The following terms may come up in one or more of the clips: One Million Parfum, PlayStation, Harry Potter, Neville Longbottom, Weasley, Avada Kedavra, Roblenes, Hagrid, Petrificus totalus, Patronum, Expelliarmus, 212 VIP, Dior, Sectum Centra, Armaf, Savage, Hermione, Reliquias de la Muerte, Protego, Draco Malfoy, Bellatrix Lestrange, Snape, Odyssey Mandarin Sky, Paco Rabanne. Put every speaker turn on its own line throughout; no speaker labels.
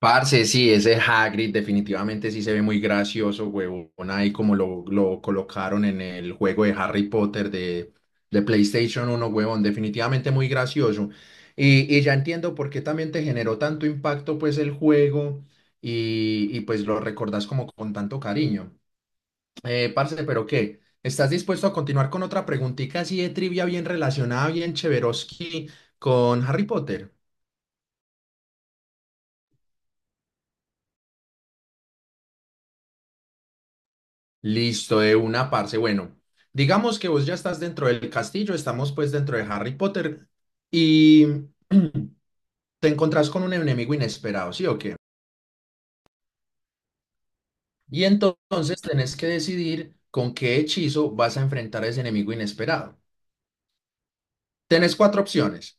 Parce, sí, ese Hagrid definitivamente sí se ve muy gracioso, huevón, ahí como lo colocaron en el juego de Harry Potter de PlayStation uno huevón, definitivamente muy gracioso. Y ya entiendo por qué también te generó tanto impacto pues el juego pues lo recordás como con tanto cariño. Parce, ¿pero qué? ¿Estás dispuesto a continuar con otra preguntita así de trivia bien relacionada, bien cheveroski con Harry Potter? Listo, de una parce. Bueno, digamos que vos ya estás dentro del castillo, estamos pues dentro de Harry Potter y te encontrás con un enemigo inesperado, ¿sí o qué? Y entonces tenés que decidir con qué hechizo vas a enfrentar a ese enemigo inesperado. Tenés cuatro opciones.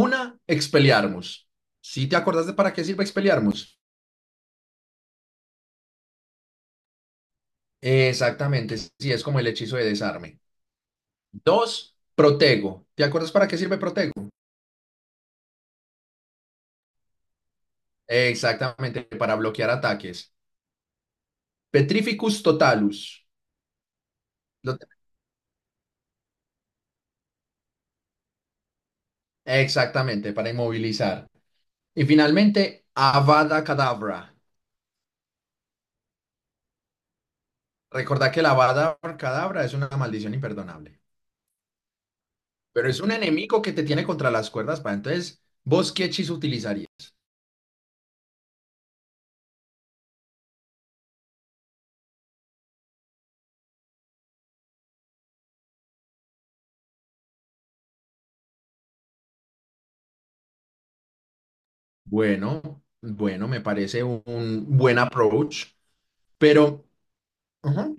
Una, Expelliarmus. ¿Sí te acordás de para qué sirve Expelliarmus? Exactamente, sí, es como el hechizo de desarme. Dos, Protego. ¿Te acuerdas para qué sirve Protego? Exactamente, para bloquear ataques. Petrificus totalus. Lo te- Exactamente, para inmovilizar. Y finalmente, Avada Kedavra. Recordad que la Avada Kedavra es una maldición imperdonable, pero es un enemigo que te tiene contra las cuerdas. Para entonces, ¿vos qué hechizo utilizarías? Bueno, bueno, me parece un buen approach, pero ujú,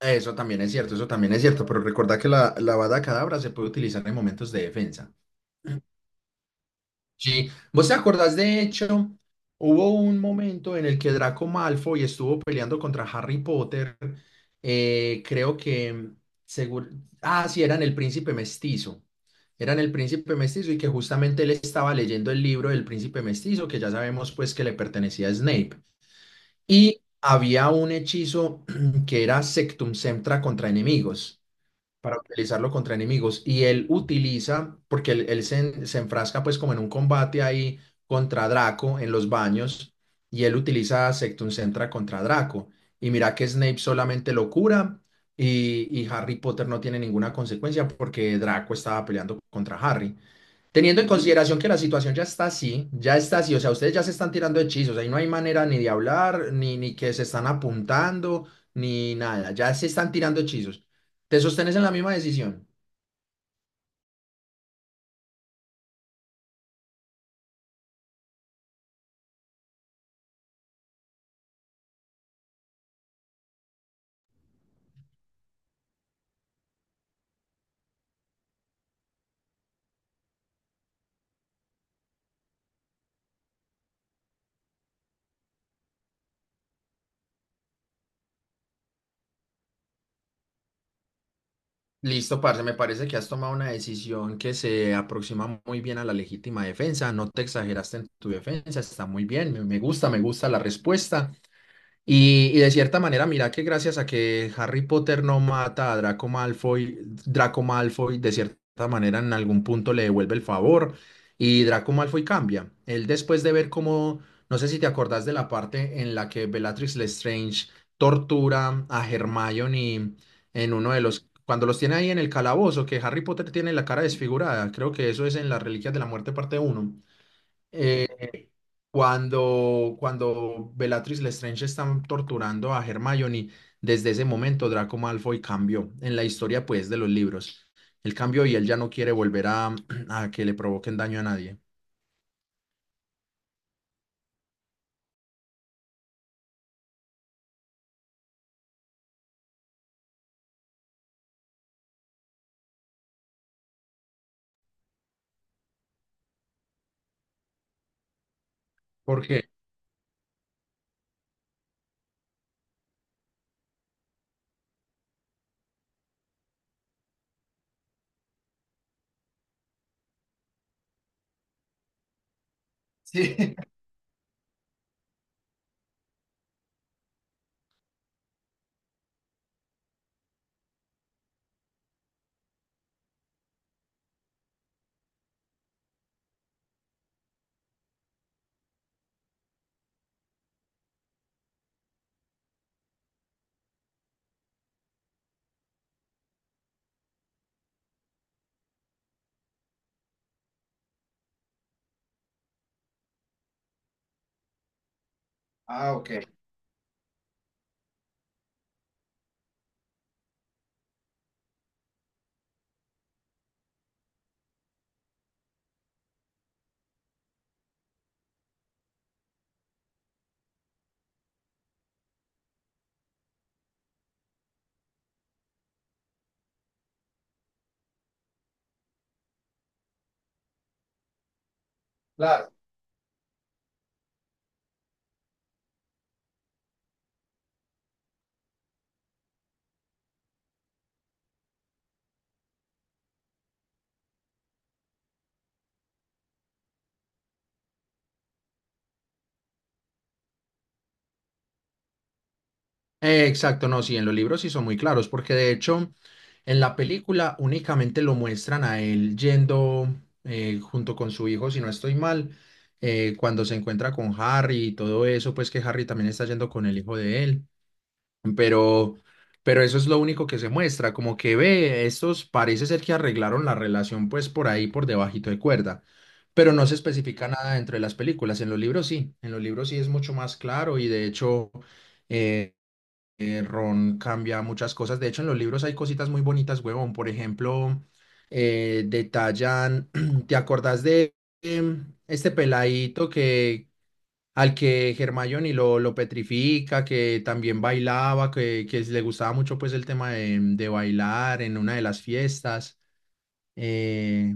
eso también es cierto, eso también es cierto. Pero recuerda que la Avada Kedavra se puede utilizar en momentos de defensa. Sí, ¿vos te acordás de hecho? Hubo un momento en el que Draco Malfoy estuvo peleando contra Harry Potter, creo que, seguro, ah, sí, eran el príncipe mestizo, eran el príncipe mestizo y que justamente él estaba leyendo el libro del príncipe mestizo, que ya sabemos pues que le pertenecía a Snape, y había un hechizo que era Sectum Centra contra enemigos para utilizarlo contra enemigos. Y él utiliza, porque se enfrasca pues como en un combate ahí contra Draco en los baños, y él utiliza Sectum Centra contra Draco. Y mira que Snape solamente lo cura y Harry Potter no tiene ninguna consecuencia porque Draco estaba peleando contra Harry. Teniendo en consideración que la situación ya está así, o sea, ustedes ya se están tirando hechizos, ahí no hay manera ni de hablar, ni que se están apuntando, ni nada, ya se están tirando hechizos. ¿Te sostenes en la misma decisión? Listo, parce, me parece que has tomado una decisión que se aproxima muy bien a la legítima defensa, no te exageraste en tu defensa, está muy bien, me gusta, me gusta la respuesta. Y de cierta manera, mira que gracias a que Harry Potter no mata a Draco Malfoy, Draco Malfoy de cierta manera en algún punto le devuelve el favor y Draco Malfoy cambia. Él después de ver cómo, no sé si te acordás de la parte en la que Bellatrix Lestrange tortura a Hermione en uno de los, cuando los tiene ahí en el calabozo, que Harry Potter tiene la cara desfigurada, creo que eso es en las Reliquias de la Muerte parte uno cuando Bellatrix Lestrange están torturando a Hermione, desde ese momento Draco Malfoy cambió en la historia pues de los libros. Él cambió y él ya no quiere volver a que le provoquen daño a nadie. ¿Por qué? Sí. Ah, ok. Claro. Exacto, no, sí, en los libros sí son muy claros, porque de hecho en la película únicamente lo muestran a él yendo junto con su hijo, si no estoy mal, cuando se encuentra con Harry y todo eso, pues que Harry también está yendo con el hijo de él, pero, pero eso es lo único que se muestra, como que ve, estos parece ser que arreglaron la relación pues por ahí, por debajito de cuerda, pero no se especifica nada dentro de las películas, en los libros sí, en los libros sí es mucho más claro y de hecho... eh, Ron cambia muchas cosas. De hecho, en los libros hay cositas muy bonitas, huevón. Por ejemplo, detallan, ¿te acordás de este peladito que al que Hermione lo petrifica, que también bailaba, que le gustaba mucho pues el tema de bailar en una de las fiestas? Eh,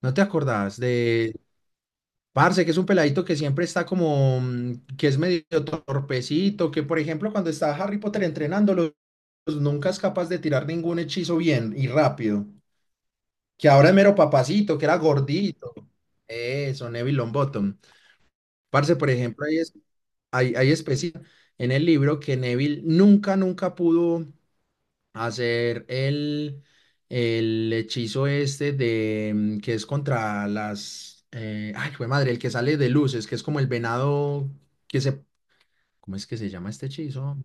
¿No te acordás de Parce, que es un peladito que siempre está como, mm, que es medio torpecito, que por ejemplo cuando está Harry Potter entrenándolo, pues, nunca es capaz de tirar ningún hechizo bien y rápido. Que ahora es mero papacito, que era gordito. Eso, Neville Longbottom. Parce, por ejemplo, hay, hay especies en el libro que Neville nunca, nunca pudo hacer el hechizo este de mm, que es contra las ay, jue madre, el que sale de luces, que es como el venado que se ¿cómo es que se llama este hechizo?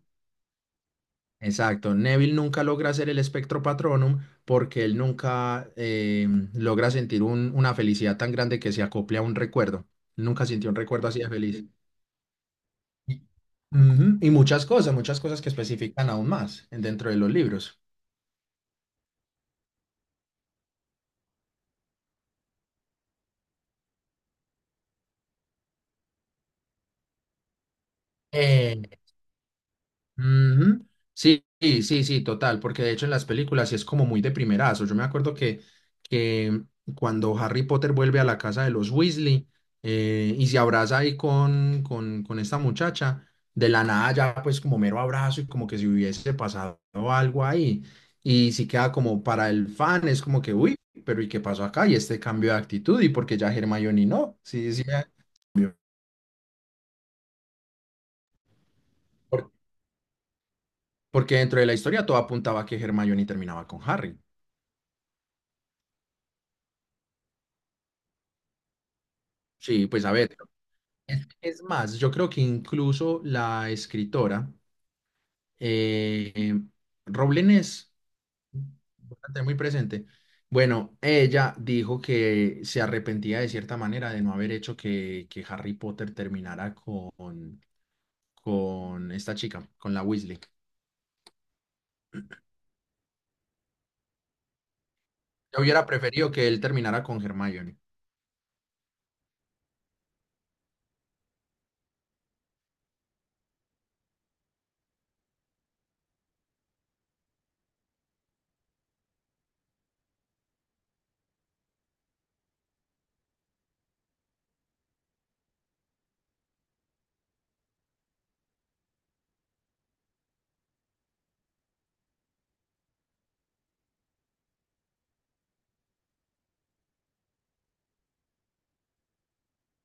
Exacto, Neville nunca logra hacer el espectro patronum porque él nunca logra sentir una felicidad tan grande que se acople a un recuerdo. Nunca sintió un recuerdo así de feliz. Y, ujú, y muchas cosas que especifican aún más dentro de los libros. Ujú. Sí, sí, sí, sí, total, porque de hecho en las películas sí es como muy de primerazo. Yo me acuerdo que cuando Harry Potter vuelve a la casa de los Weasley y se abraza ahí con esta muchacha, de la nada ya pues como mero abrazo y como que si hubiese pasado algo ahí. Y sí queda como para el fan, es como que, uy, pero ¿y qué pasó acá? Y este cambio de actitud y porque ya Hermione no, sí, sí, eh, por- porque dentro de la historia todo apuntaba a que Hermione terminaba con Harry. Sí, pues a ver, es más, yo creo que incluso la escritora, eh, eh, Roblenes, voy a tener muy presente, bueno, ella dijo que se arrepentía de cierta manera de no haber hecho que Harry Potter terminara con esta chica, con la Weasley. Yo hubiera preferido que él terminara con Hermione.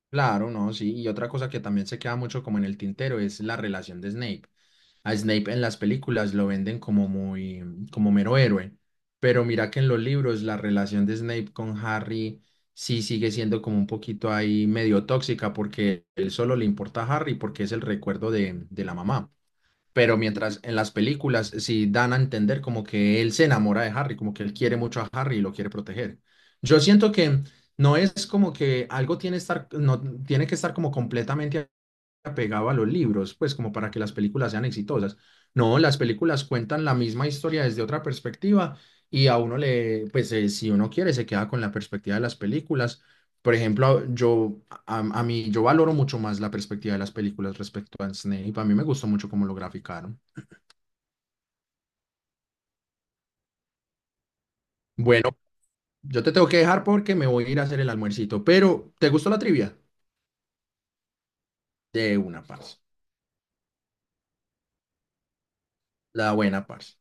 Claro, no, sí. Y otra cosa que también se queda mucho como en el tintero es la relación de Snape. A Snape en las películas lo venden como muy, como mero héroe, pero mira que en los libros la relación de Snape con Harry sí sigue siendo como un poquito ahí medio tóxica porque él solo le importa a Harry porque es el recuerdo de la mamá. Pero mientras en las películas sí dan a entender como que él se enamora de Harry, como que él quiere mucho a Harry y lo quiere proteger. Yo siento que no es como que algo tiene estar, no tiene que estar como completamente apegado a los libros, pues como para que las películas sean exitosas. No, las películas cuentan la misma historia desde otra perspectiva y a uno le, pues si uno quiere, se queda con la perspectiva de las películas. Por ejemplo, a mí, yo valoro mucho más la perspectiva de las películas respecto a Snape. A mí me gustó mucho cómo lo graficaron. Bueno, yo te tengo que dejar porque me voy a ir a hacer el almuercito, pero ¿te gustó la trivia? De una, parce. La buena, parce.